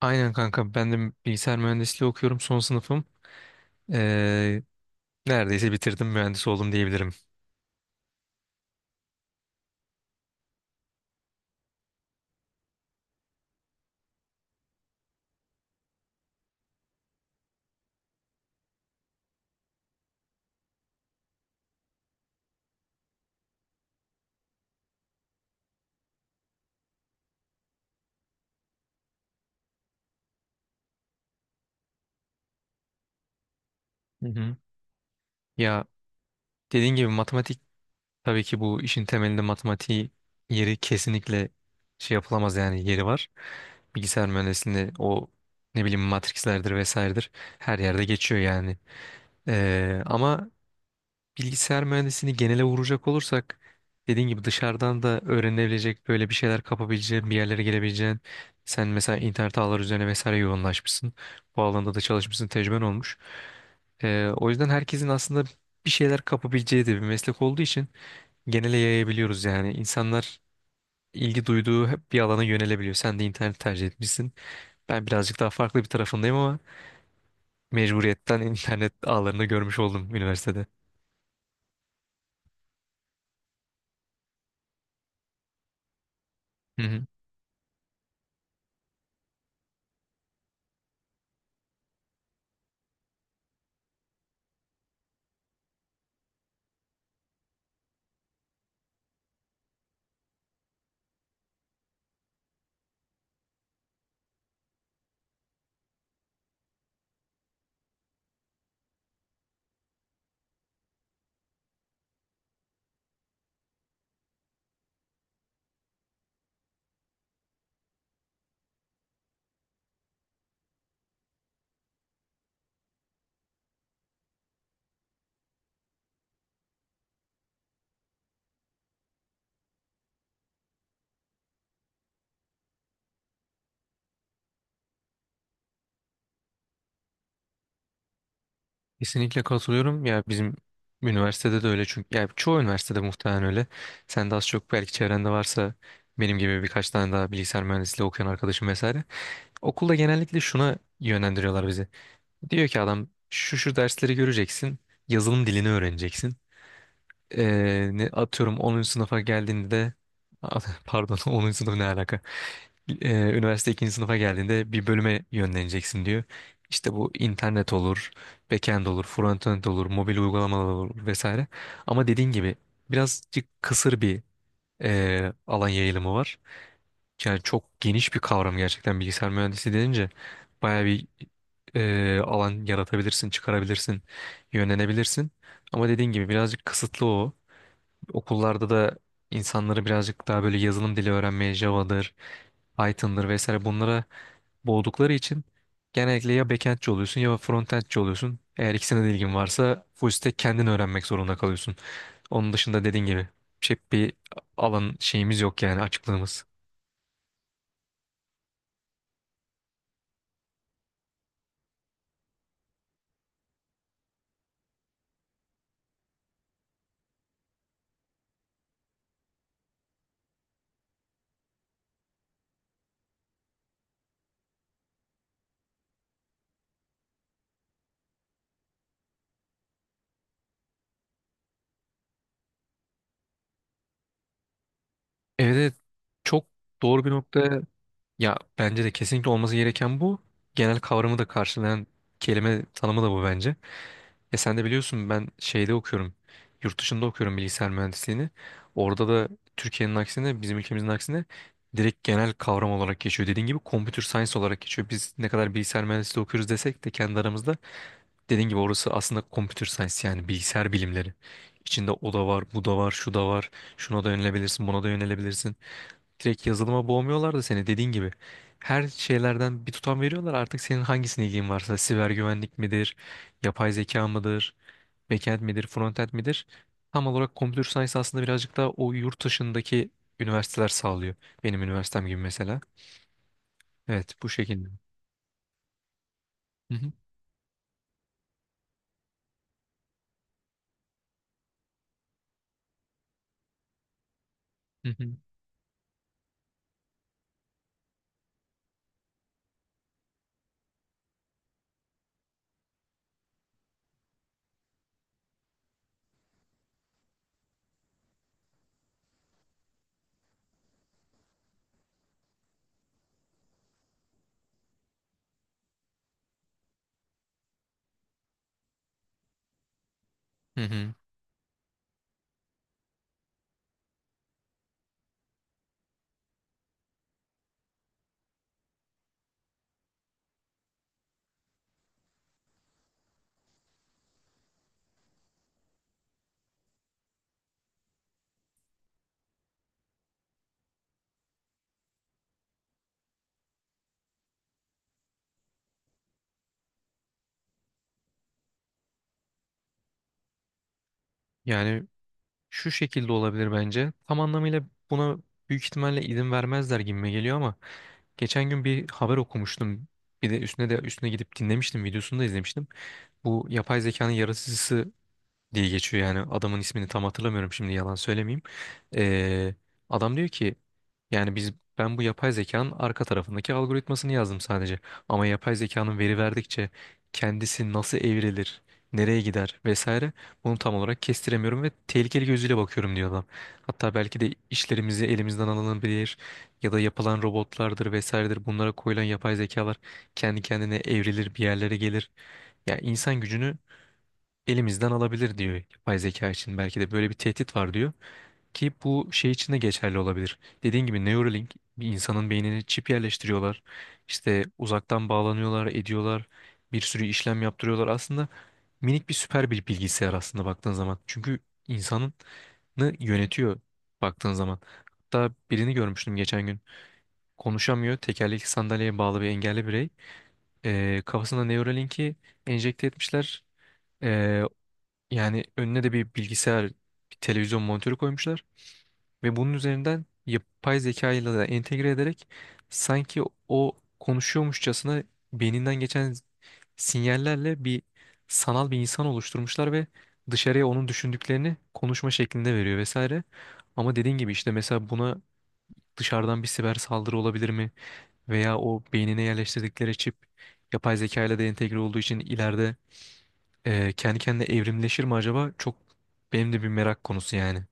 Aynen kanka, ben de bilgisayar mühendisliği okuyorum, son sınıfım. Ee, Neredeyse bitirdim, mühendis oldum diyebilirim. Hı hı. Ya, dediğin gibi matematik, tabii ki bu işin temelinde matematiği yeri kesinlikle şey yapılamaz, yani yeri var. Bilgisayar mühendisliğinde o, ne bileyim, matrislerdir vesairedir, her yerde geçiyor yani. Ama bilgisayar mühendisliğini genele vuracak olursak, dediğin gibi dışarıdan da öğrenebilecek, böyle bir şeyler kapabileceğin, bir yerlere gelebileceğin, sen mesela internet ağları üzerine vesaire yoğunlaşmışsın. Bu alanda da çalışmışsın, tecrüben olmuş. O yüzden herkesin aslında bir şeyler kapabileceği de bir meslek olduğu için genele yayabiliyoruz yani. İnsanlar ilgi duyduğu hep bir alana yönelebiliyor. Sen de internet tercih etmişsin. Ben birazcık daha farklı bir tarafındayım ama mecburiyetten internet ağlarını görmüş oldum üniversitede. Kesinlikle katılıyorum. Ya bizim üniversitede de öyle, çünkü ya çoğu üniversitede muhtemelen öyle. Sen de az çok, belki çevrende varsa benim gibi birkaç tane daha bilgisayar mühendisliği okuyan arkadaşım vesaire. Okulda genellikle şuna yönlendiriyorlar bizi. Diyor ki adam, şu şu dersleri göreceksin, yazılım dilini öğreneceksin. Ne atıyorum 10. sınıfa geldiğinde de pardon, 10. sınıf ne alaka? Üniversite ikinci sınıfa geldiğinde bir bölüme yönleneceksin diyor. İşte bu, internet olur, backend olur, frontend olur, mobil uygulamalar olur vesaire. Ama dediğin gibi birazcık kısır bir alan yayılımı var. Yani çok geniş bir kavram gerçekten, bilgisayar mühendisi denince baya bir alan yaratabilirsin, çıkarabilirsin, yönlenebilirsin. Ama dediğin gibi birazcık kısıtlı o. Okullarda da insanları birazcık daha böyle yazılım dili öğrenmeye Java'dır, Python'dır vesaire, bunlara boğdukları için genellikle ya backendçi oluyorsun ya frontendçi oluyorsun. Eğer ikisine de ilgin varsa full stack kendin öğrenmek zorunda kalıyorsun. Onun dışında dediğin gibi çok bir alan şeyimiz yok, yani açıklığımız. Evet, evet, çok doğru bir noktaya. Ya bence de kesinlikle olması gereken bu. Genel kavramı da karşılayan kelime tanımı da bu bence. E sen de biliyorsun, ben şeyde okuyorum. Yurt dışında okuyorum bilgisayar mühendisliğini. Orada da Türkiye'nin aksine, bizim ülkemizin aksine direkt genel kavram olarak geçiyor. Dediğin gibi computer science olarak geçiyor. Biz ne kadar bilgisayar mühendisliği okuyoruz desek de, kendi aramızda dediğin gibi, orası aslında computer science, yani bilgisayar bilimleri. İçinde o da var, bu da var, şu da var. Şuna da yönelebilirsin, buna da yönelebilirsin. Direkt yazılıma boğmuyorlar da seni, dediğin gibi. Her şeylerden bir tutam veriyorlar. Artık senin hangisine ilgin varsa, siber güvenlik midir, yapay zeka mıdır, backend midir, frontend midir? Tam olarak computer science aslında birazcık daha o yurt dışındaki üniversiteler sağlıyor. Benim üniversitem gibi mesela. Evet, bu şekilde. Hı hı, hı hı, hı hı. Yani şu şekilde olabilir bence. Tam anlamıyla buna büyük ihtimalle izin vermezler gibime geliyor, ama geçen gün bir haber okumuştum. Bir de üstüne de üstüne gidip dinlemiştim, videosunu da izlemiştim. Bu yapay zekanın yaratıcısı diye geçiyor yani, adamın ismini tam hatırlamıyorum şimdi, yalan söylemeyeyim. Ee, Adam diyor ki, yani biz, ben bu yapay zekanın arka tarafındaki algoritmasını yazdım sadece. Ama yapay zekanın veri verdikçe kendisi nasıl evrilir, nereye gider vesaire, bunu tam olarak kestiremiyorum ve tehlikeli gözüyle bakıyorum diyor adam. Hatta belki de işlerimizi elimizden alınabilir ya da yapılan robotlardır vesairedir, bunlara koyulan yapay zekalar kendi kendine evrilir, bir yerlere gelir. Yani insan gücünü elimizden alabilir diyor yapay zeka için. Belki de böyle bir tehdit var diyor, ki bu şey için de geçerli olabilir. Dediğin gibi Neuralink, bir insanın beynine çip yerleştiriyorlar. İşte uzaktan bağlanıyorlar, ediyorlar. Bir sürü işlem yaptırıyorlar. Aslında minik bir süper bir bilgisayar aslında, baktığın zaman. Çünkü insanını yönetiyor baktığın zaman. Hatta birini görmüştüm geçen gün. Konuşamıyor. Tekerlekli sandalyeye bağlı bir engelli birey. Kafasına Neuralink'i enjekte etmişler. Yani önüne de bir bilgisayar, bir televizyon monitörü koymuşlar ve bunun üzerinden yapay zeka ile de entegre ederek sanki o konuşuyormuşçasına beyninden geçen sinyallerle bir sanal bir insan oluşturmuşlar ve dışarıya onun düşündüklerini konuşma şeklinde veriyor vesaire. Ama dediğin gibi, işte mesela buna dışarıdan bir siber saldırı olabilir mi? Veya o beynine yerleştirdikleri çip, yapay zeka ile de entegre olduğu için ileride kendi kendine evrimleşir mi acaba? Çok benim de bir merak konusu yani.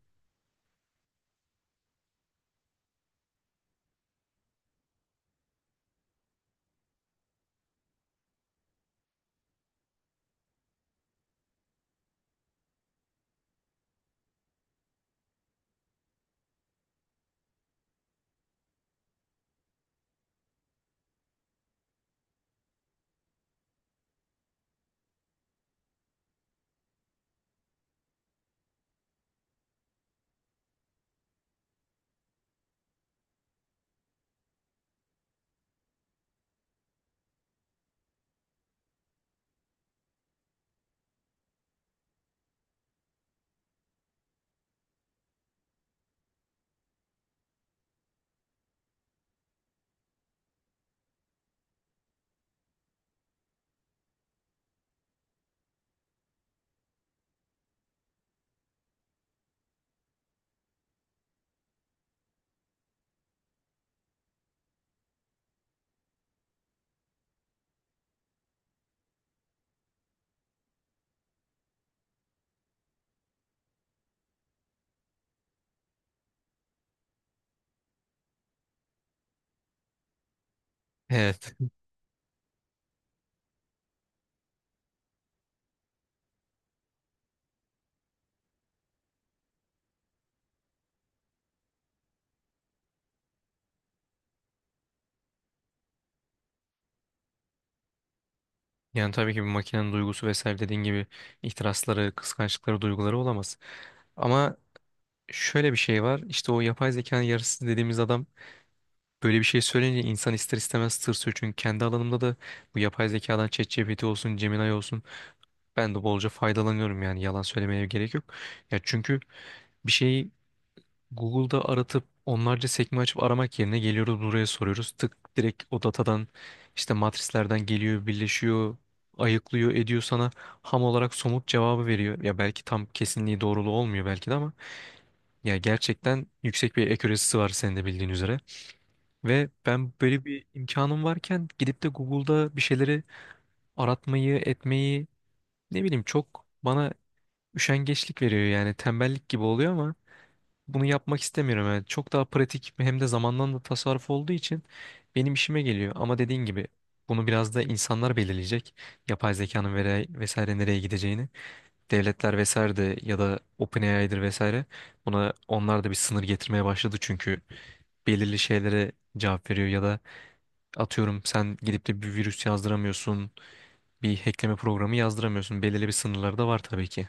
Evet. Yani tabii ki bir makinenin duygusu vesaire, dediğin gibi ihtirasları, kıskançlıkları, duyguları olamaz. Ama şöyle bir şey var. İşte o yapay zekanın yarısı dediğimiz adam böyle bir şey söyleyince insan ister istemez tırsıyor. Çünkü kendi alanımda da bu yapay zekadan, ChatGPT olsun, Gemini olsun, ben de bolca faydalanıyorum, yani yalan söylemeye gerek yok. Ya çünkü bir şeyi Google'da aratıp onlarca sekme açıp aramak yerine geliyoruz buraya soruyoruz. Tık, direkt o datadan işte matrislerden geliyor, birleşiyor, ayıklıyor, ediyor, sana ham olarak somut cevabı veriyor. Ya, belki tam kesinliği doğruluğu olmuyor belki de, ama ya gerçekten yüksek bir accuracy'si var, senin de bildiğin üzere. Ve ben böyle bir imkanım varken gidip de Google'da bir şeyleri aratmayı, etmeyi, ne bileyim, çok bana üşengeçlik veriyor yani, tembellik gibi oluyor, ama bunu yapmak istemiyorum. Yani çok daha pratik, hem de zamandan da tasarruf olduğu için benim işime geliyor. Ama dediğin gibi bunu biraz da insanlar belirleyecek. Yapay zekanın vesaire nereye gideceğini. Devletler vesaire de, ya da OpenAI'dir vesaire. Buna onlar da bir sınır getirmeye başladı, çünkü belirli şeylere cevap veriyor ya da atıyorum, sen gidip de bir virüs yazdıramıyorsun, bir hackleme programı yazdıramıyorsun. Belirli bir sınırları da var tabii ki.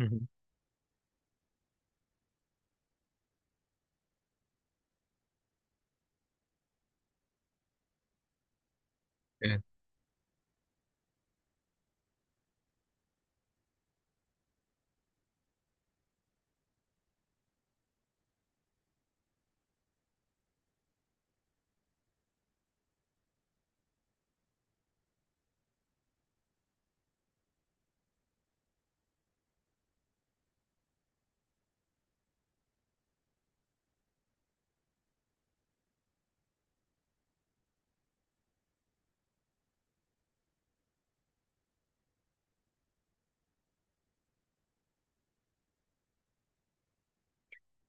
Hı hı.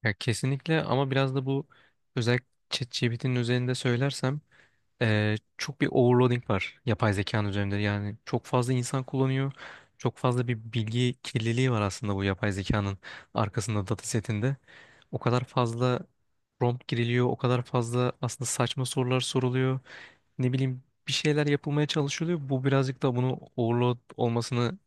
Ya kesinlikle, ama biraz da bu özellikle ChatGPT'nin üzerinde söylersem çok bir overloading var yapay zekanın üzerinde. Yani çok fazla insan kullanıyor. Çok fazla bir bilgi kirliliği var aslında bu yapay zekanın arkasında, datasetinde. O kadar fazla prompt giriliyor, o kadar fazla aslında saçma sorular soruluyor. Ne bileyim, bir şeyler yapılmaya çalışılıyor. Bu birazcık da bunu overload olmasını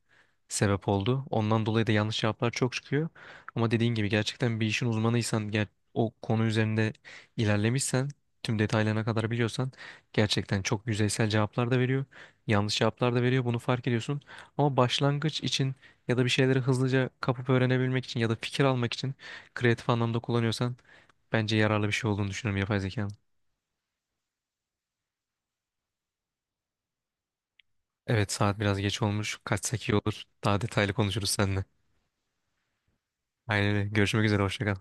sebep oldu. Ondan dolayı da yanlış cevaplar çok çıkıyor. Ama dediğin gibi gerçekten bir işin uzmanıysan, o konu üzerinde ilerlemişsen, tüm detaylarına kadar biliyorsan, gerçekten çok yüzeysel cevaplar da veriyor. Yanlış cevaplar da veriyor. Bunu fark ediyorsun. Ama başlangıç için ya da bir şeyleri hızlıca kapıp öğrenebilmek için ya da fikir almak için, kreatif anlamda kullanıyorsan, bence yararlı bir şey olduğunu düşünüyorum yapay zekanın. Evet, saat biraz geç olmuş. Kaçsak iyi olur. Daha detaylı konuşuruz seninle. Aynen öyle. Görüşmek üzere. Hoşça kal.